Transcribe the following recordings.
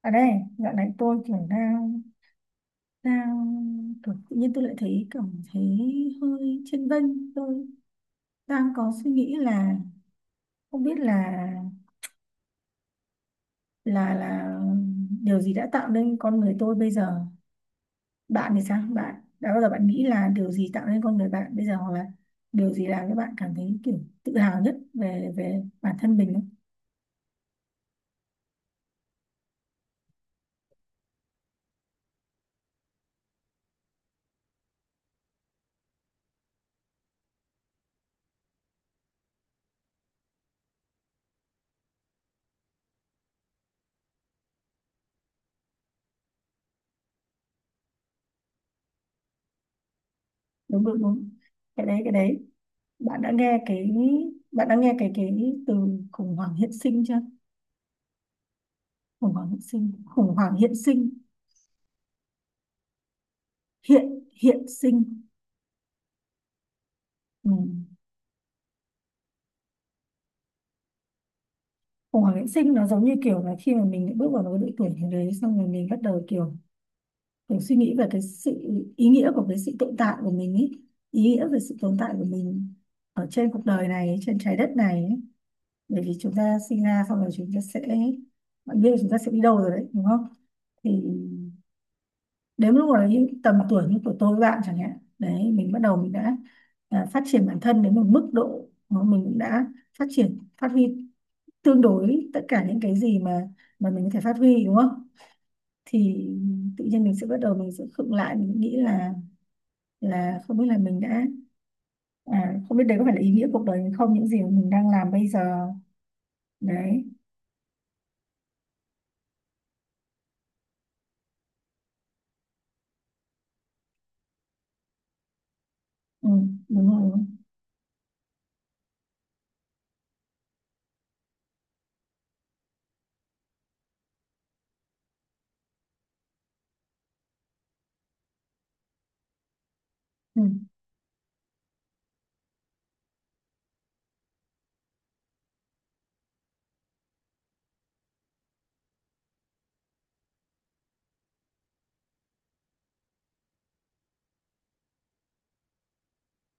Ở đây dạo này tôi kiểu đang đang kiểu tự nhiên tôi lại cảm thấy hơi chênh vênh. Tôi đang có suy nghĩ là không biết là là điều gì đã tạo nên con người tôi bây giờ. Bạn thì sao, bạn đã bao giờ bạn nghĩ là điều gì tạo nên con người bạn bây giờ, hoặc là điều gì làm cho bạn cảm thấy kiểu tự hào nhất về về bản thân mình không? Đúng đúng đúng. Cái đấy, cái đấy. bạn đã nghe cái Bạn đã nghe cái từ khủng hoảng hiện sinh chưa. Khủng hoảng hiện sinh, khủng hoảng hiện sinh. Hiện Hiện sinh. Ừ. Khủng hoảng hiện sinh nó giống như kiểu là khi mà mình bước vào một cái độ tuổi như đấy, xong rồi mình bắt đầu kiểu kiểu suy nghĩ về cái sự ý nghĩa của cái sự tồn tại của mình ý, ý nghĩa về sự tồn tại của mình ở trên cuộc đời này, trên trái đất này ấy. Bởi vì chúng ta sinh ra xong rồi chúng ta sẽ, bạn biết là chúng ta sẽ đi đâu rồi đấy đúng không. Thì đến lúc đấy, tầm tuổi như của tôi với bạn chẳng hạn đấy, mình bắt đầu mình đã phát triển bản thân đến một mức độ mà mình cũng đã phát huy tương đối tất cả những cái gì mà mình có thể phát huy, đúng không. Thì tự nhiên mình sẽ bắt đầu mình sẽ khựng lại, mình nghĩ là không biết là mình đã không biết đấy có phải là ý nghĩa cuộc đời mình không, những gì mà mình đang làm bây giờ. Đấy. Ừ, đúng rồi. Ừ,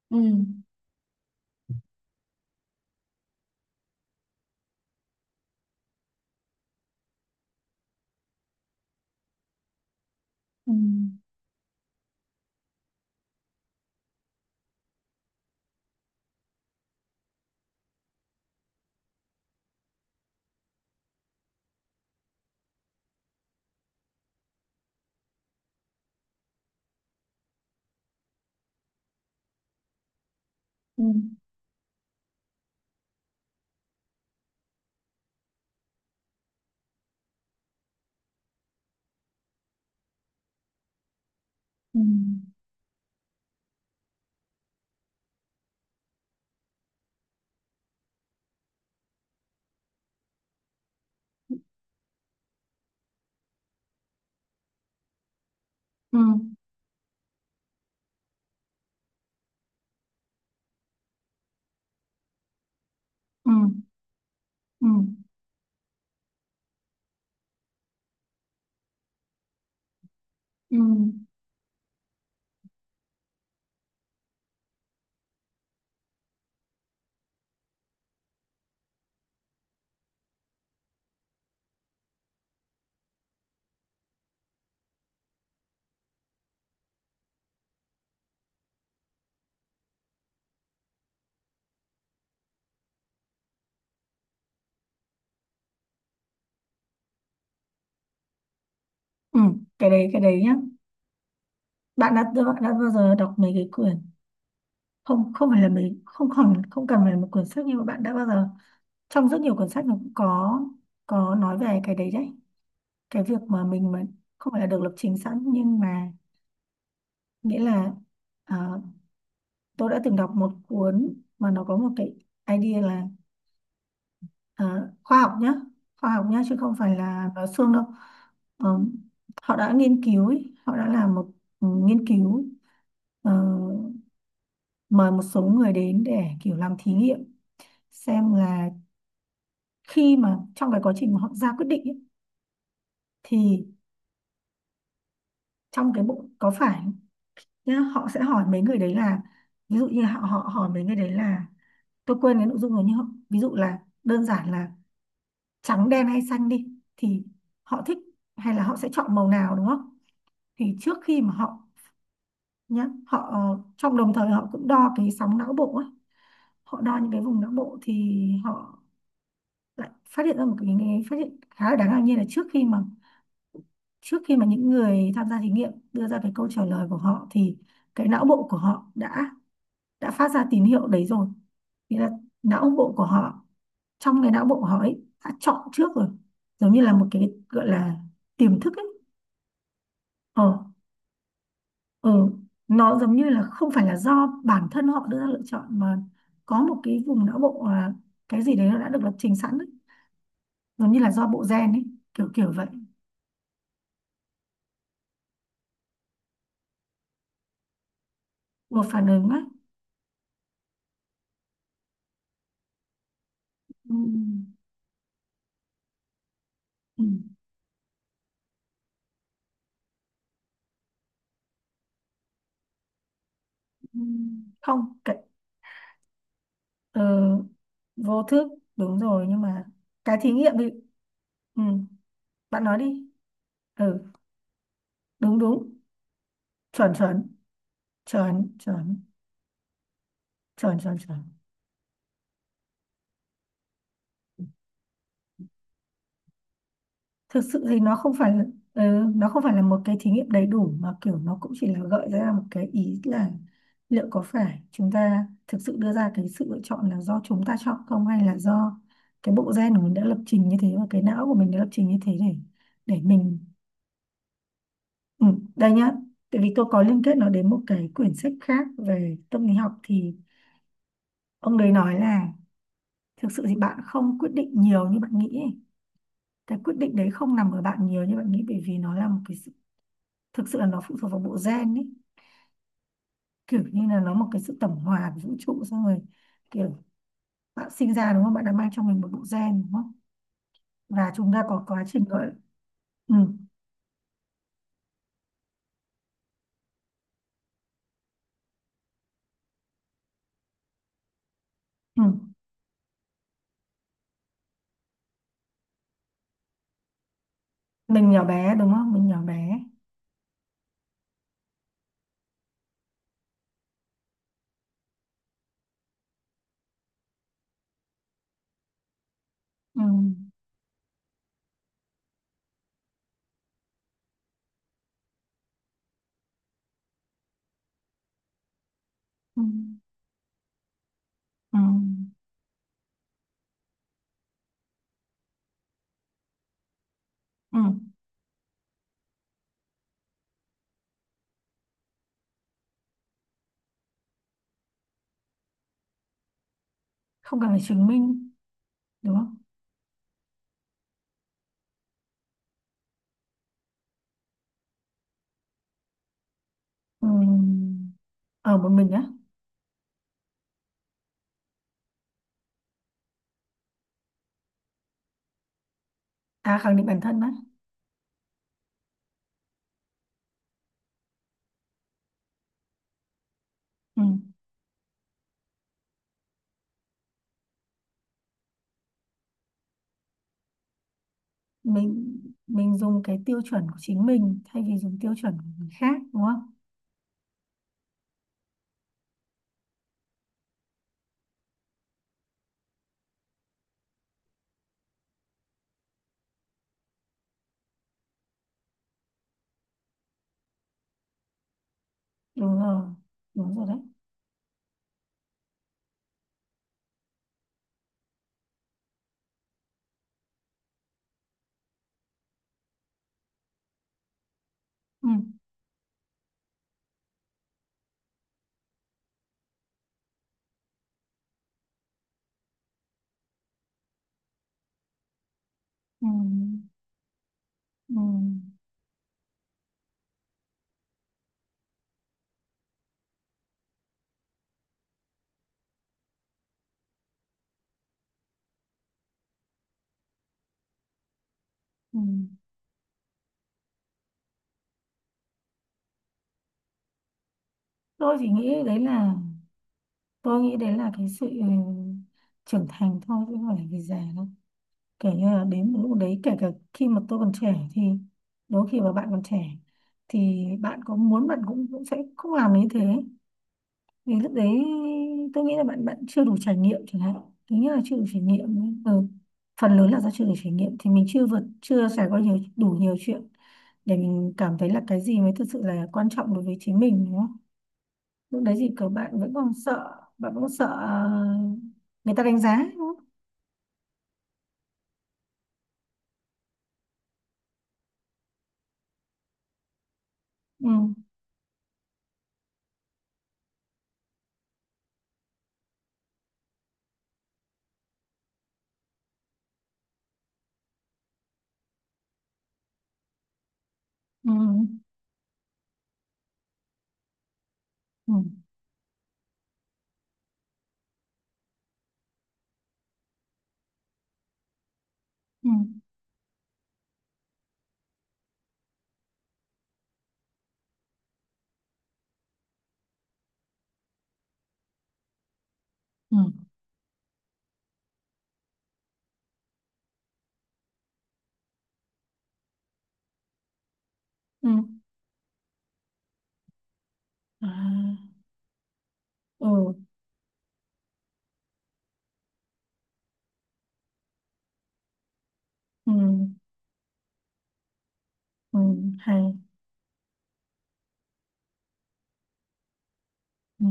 ừ, ừ, ừ, ừ, ừ, ừ, ừ, ừ. Ừ, ừ. Ừ, cái đấy, cái đấy nhá. Bạn đã bao giờ đọc mấy cái quyển, không không phải là mấy, không còn không cần phải là một quyển sách, nhưng mà bạn đã bao giờ, trong rất nhiều quyển sách nó cũng có nói về cái đấy đấy, cái việc mà mình không phải là được lập trình sẵn nhưng mà, nghĩa là, ờ, tôi đã từng đọc một cuốn mà nó có một cái idea là, ờ, khoa học nhá, khoa học nhá chứ không phải là nói suông đâu. Ờ, Họ đã nghiên cứu ý, họ đã làm một, nghiên cứu, ờ, mời một số người đến để kiểu làm thí nghiệm xem là khi mà trong cái quá trình mà họ ra quyết định ấy, thì trong cái bụng có phải, nhá, họ sẽ hỏi mấy người đấy là, ví dụ như họ họ hỏi mấy người đấy là, tôi quên cái nội dung rồi nhưng họ, ví dụ là, đơn giản là trắng đen hay xanh đi, thì họ thích hay là họ sẽ chọn màu nào, đúng không. Thì trước khi mà họ, nhá, trong đồng thời họ cũng đo cái sóng não bộ ấy, họ đo những cái vùng não bộ thì họ lại phát hiện ra một cái phát hiện khá là đáng ngạc nhiên là, trước khi mà những người tham gia thí nghiệm đưa ra cái câu trả lời của họ thì cái não bộ của họ đã phát ra tín hiệu đấy rồi. Nghĩa là não bộ của họ, trong cái não bộ của họ ấy đã chọn trước rồi, giống như là một cái gọi là tiềm thức ấy. ờ ờ nó giống như là không phải là do bản thân họ đưa ra lựa chọn, mà có một cái vùng não bộ là, cái gì đấy nó đã được lập trình sẵn ấy, giống như là do bộ gen ấy, kiểu kiểu vậy. Một phản ứng á. Ừ, ừ, ừ. Không cái, ờ, vô thức đúng rồi nhưng mà, cái thí nghiệm đi. Ừ, bạn nói đi. Ừ, đúng đúng, chuẩn chuẩn, chuẩn chuẩn, chuẩn chuẩn chuẩn. Thực sự thì nó không phải là- ừ, Nó không phải là một cái thí nghiệm đầy đủ mà kiểu nó cũng chỉ là gợi ra một cái ý là, liệu có phải chúng ta thực sự đưa ra cái sự lựa chọn là do chúng ta chọn không, hay là do cái bộ gen của mình đã lập trình như thế và cái não của mình đã lập trình như thế để mình. Ừ, đây nhá, tại vì tôi có liên kết nó đến một cái quyển sách khác về tâm lý học. Thì ông đấy nói là, thực sự thì bạn không quyết định nhiều như bạn nghĩ ấy. Cái quyết định đấy không nằm ở bạn nhiều như bạn nghĩ, bởi vì nó là một cái sự, thực sự là nó phụ thuộc vào bộ gen ấy. Kiểu như là nó một cái sự tổng hòa của vũ trụ, xong rồi kiểu, bạn sinh ra đúng không? Bạn đã mang trong mình một bộ gen, đúng không? Và chúng ta có quá trình gọi, ừ, ừ. Mình nhỏ bé đúng không? Mình nhỏ bé. Ừ, ừ, ừ, ừ. Không cần phải chứng minh, đúng không. Ừm, ở một mình á. À, khẳng định bản thân á. Ừm, mình mình dùng cái tiêu chuẩn của chính mình thay vì dùng tiêu chuẩn của người khác, đúng không. Đúng rồi, đúng rồi đấy. Ừm, ừm, ừm, ừm. tôi chỉ nghĩ đấy là tôi nghĩ đấy là cái sự trưởng thành thôi, chứ không phải là vì già đâu. Kể như là đến một lúc đấy, kể cả khi mà tôi còn trẻ thì, đôi khi mà bạn còn trẻ thì bạn có muốn bạn cũng cũng sẽ không làm như thế. Vì lúc đấy tôi nghĩ là bạn bạn chưa đủ trải nghiệm chẳng hạn, thứ nhất là chưa đủ trải nghiệm ấy. Ừ. Phần lớn là do chưa đủ trải nghiệm, thì mình chưa trải qua nhiều đủ nhiều chuyện để mình cảm thấy là cái gì mới thực sự là quan trọng đối với chính mình, đúng không. Lúc đấy thì các bạn vẫn còn sợ, bạn vẫn còn sợ người ta đánh giá, đúng không. Ừ, ừ, ừ, ừ, ừ, ừ, à, ừ, ừ, ừ, hay, ừ,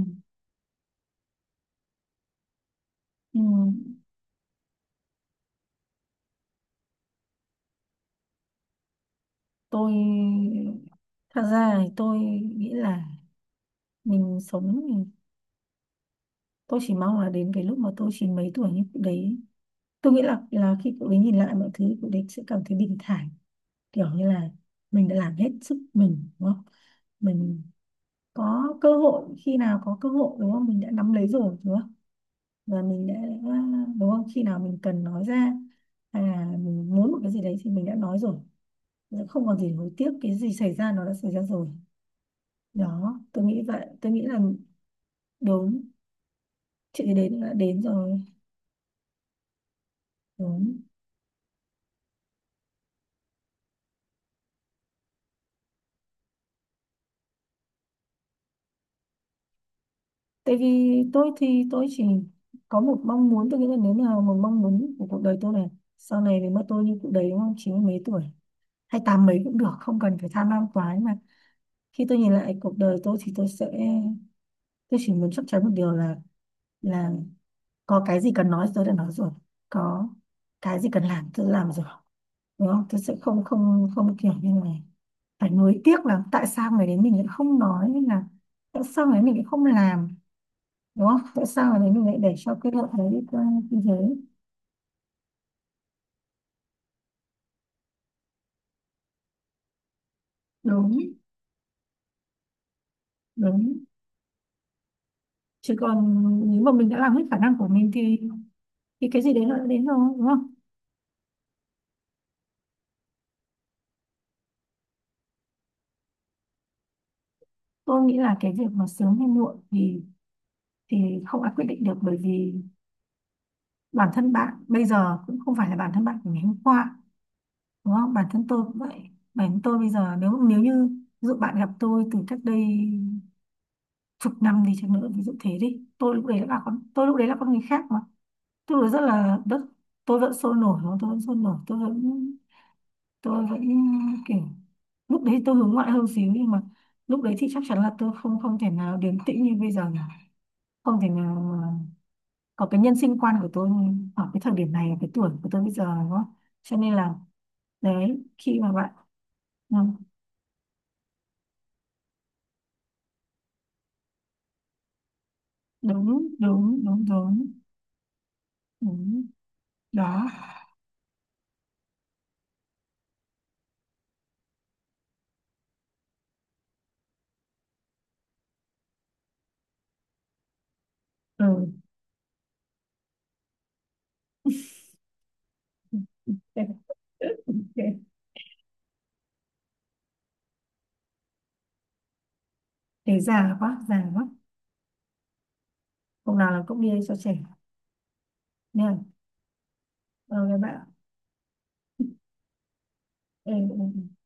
ừ. tôi Thật ra thì tôi nghĩ là, mình sống thì tôi chỉ mong là đến cái lúc mà tôi chỉ mấy tuổi như cụ đấy, tôi nghĩ là khi cụ đấy nhìn lại mọi thứ, cụ đấy sẽ cảm thấy bình thản. Kiểu như là mình đã làm hết sức mình, đúng không. Mình có cơ hội, khi nào có cơ hội đúng không, mình đã nắm lấy rồi, đúng không. Và mình đã, đúng không, khi nào mình cần nói ra hay là mình muốn một cái gì đấy thì mình đã nói rồi, không còn gì hối tiếc, cái gì xảy ra nó đã xảy ra rồi. Đó, tôi nghĩ vậy, tôi nghĩ là, đúng, chị thì đến đã đến rồi. Đúng. Tại vì tôi thì tôi chỉ có một mong muốn, tôi nghĩ là nếu là một mong muốn của cuộc đời tôi này, sau này nếu mà tôi như cụ đấy đúng không, chín mươi mấy tuổi hay tám mấy cũng được, không cần phải tham lam quá, nhưng mà khi tôi nhìn lại cuộc đời tôi thì tôi sẽ, tôi chỉ muốn chắc chắn một điều là là có cái gì cần nói tôi đã nói rồi, có cái gì cần làm tôi đã làm rồi, đúng không? Tôi sẽ không, không không, kiểu như này, phải nuối tiếc là tại sao người đến mình lại không nói, hay là tại sao người đến mình lại không làm, đúng không? Tại sao người đến mình lại để cho cái lợi đấy đi qua như thế. Đúng, đúng. Chứ còn, nếu mà mình đã làm hết khả năng của mình thì cái gì đấy nó đã đến rồi, đúng không? Tôi nghĩ là cái việc mà sớm hay muộn thì thì không ai quyết định được, bởi vì bản thân bạn bây giờ cũng không phải là bản thân bạn của ngày hôm qua đúng không, bản thân tôi cũng vậy. Bản thân tôi bây giờ, nếu nếu như ví dụ bạn gặp tôi từ cách đây chục năm đi chăng nữa, ví dụ thế đi, tôi lúc đấy là con, tôi lúc đấy là con người khác mà. Tôi rất là rất, tôi vẫn sôi nổi đúng không? Tôi vẫn sôi nổi, tôi vẫn, tôi vẫn kiểu, lúc đấy tôi hướng ngoại hơn xíu, nhưng mà lúc đấy thì chắc chắn là tôi không không thể nào điềm tĩnh như bây giờ, không thể nào mà có cái nhân sinh quan của tôi ở cái thời điểm này, ở cái tuổi của tôi bây giờ, đúng không. Cho nên là đấy, khi mà bạn, ừ. Đúng đúng, đúng đúng, đúng. Đó. Ừ. Thế già quá, già quá. Hôm nào là cũng đi cho trẻ nha. Ừ các bạn. Ừ. Ừ. Ừ.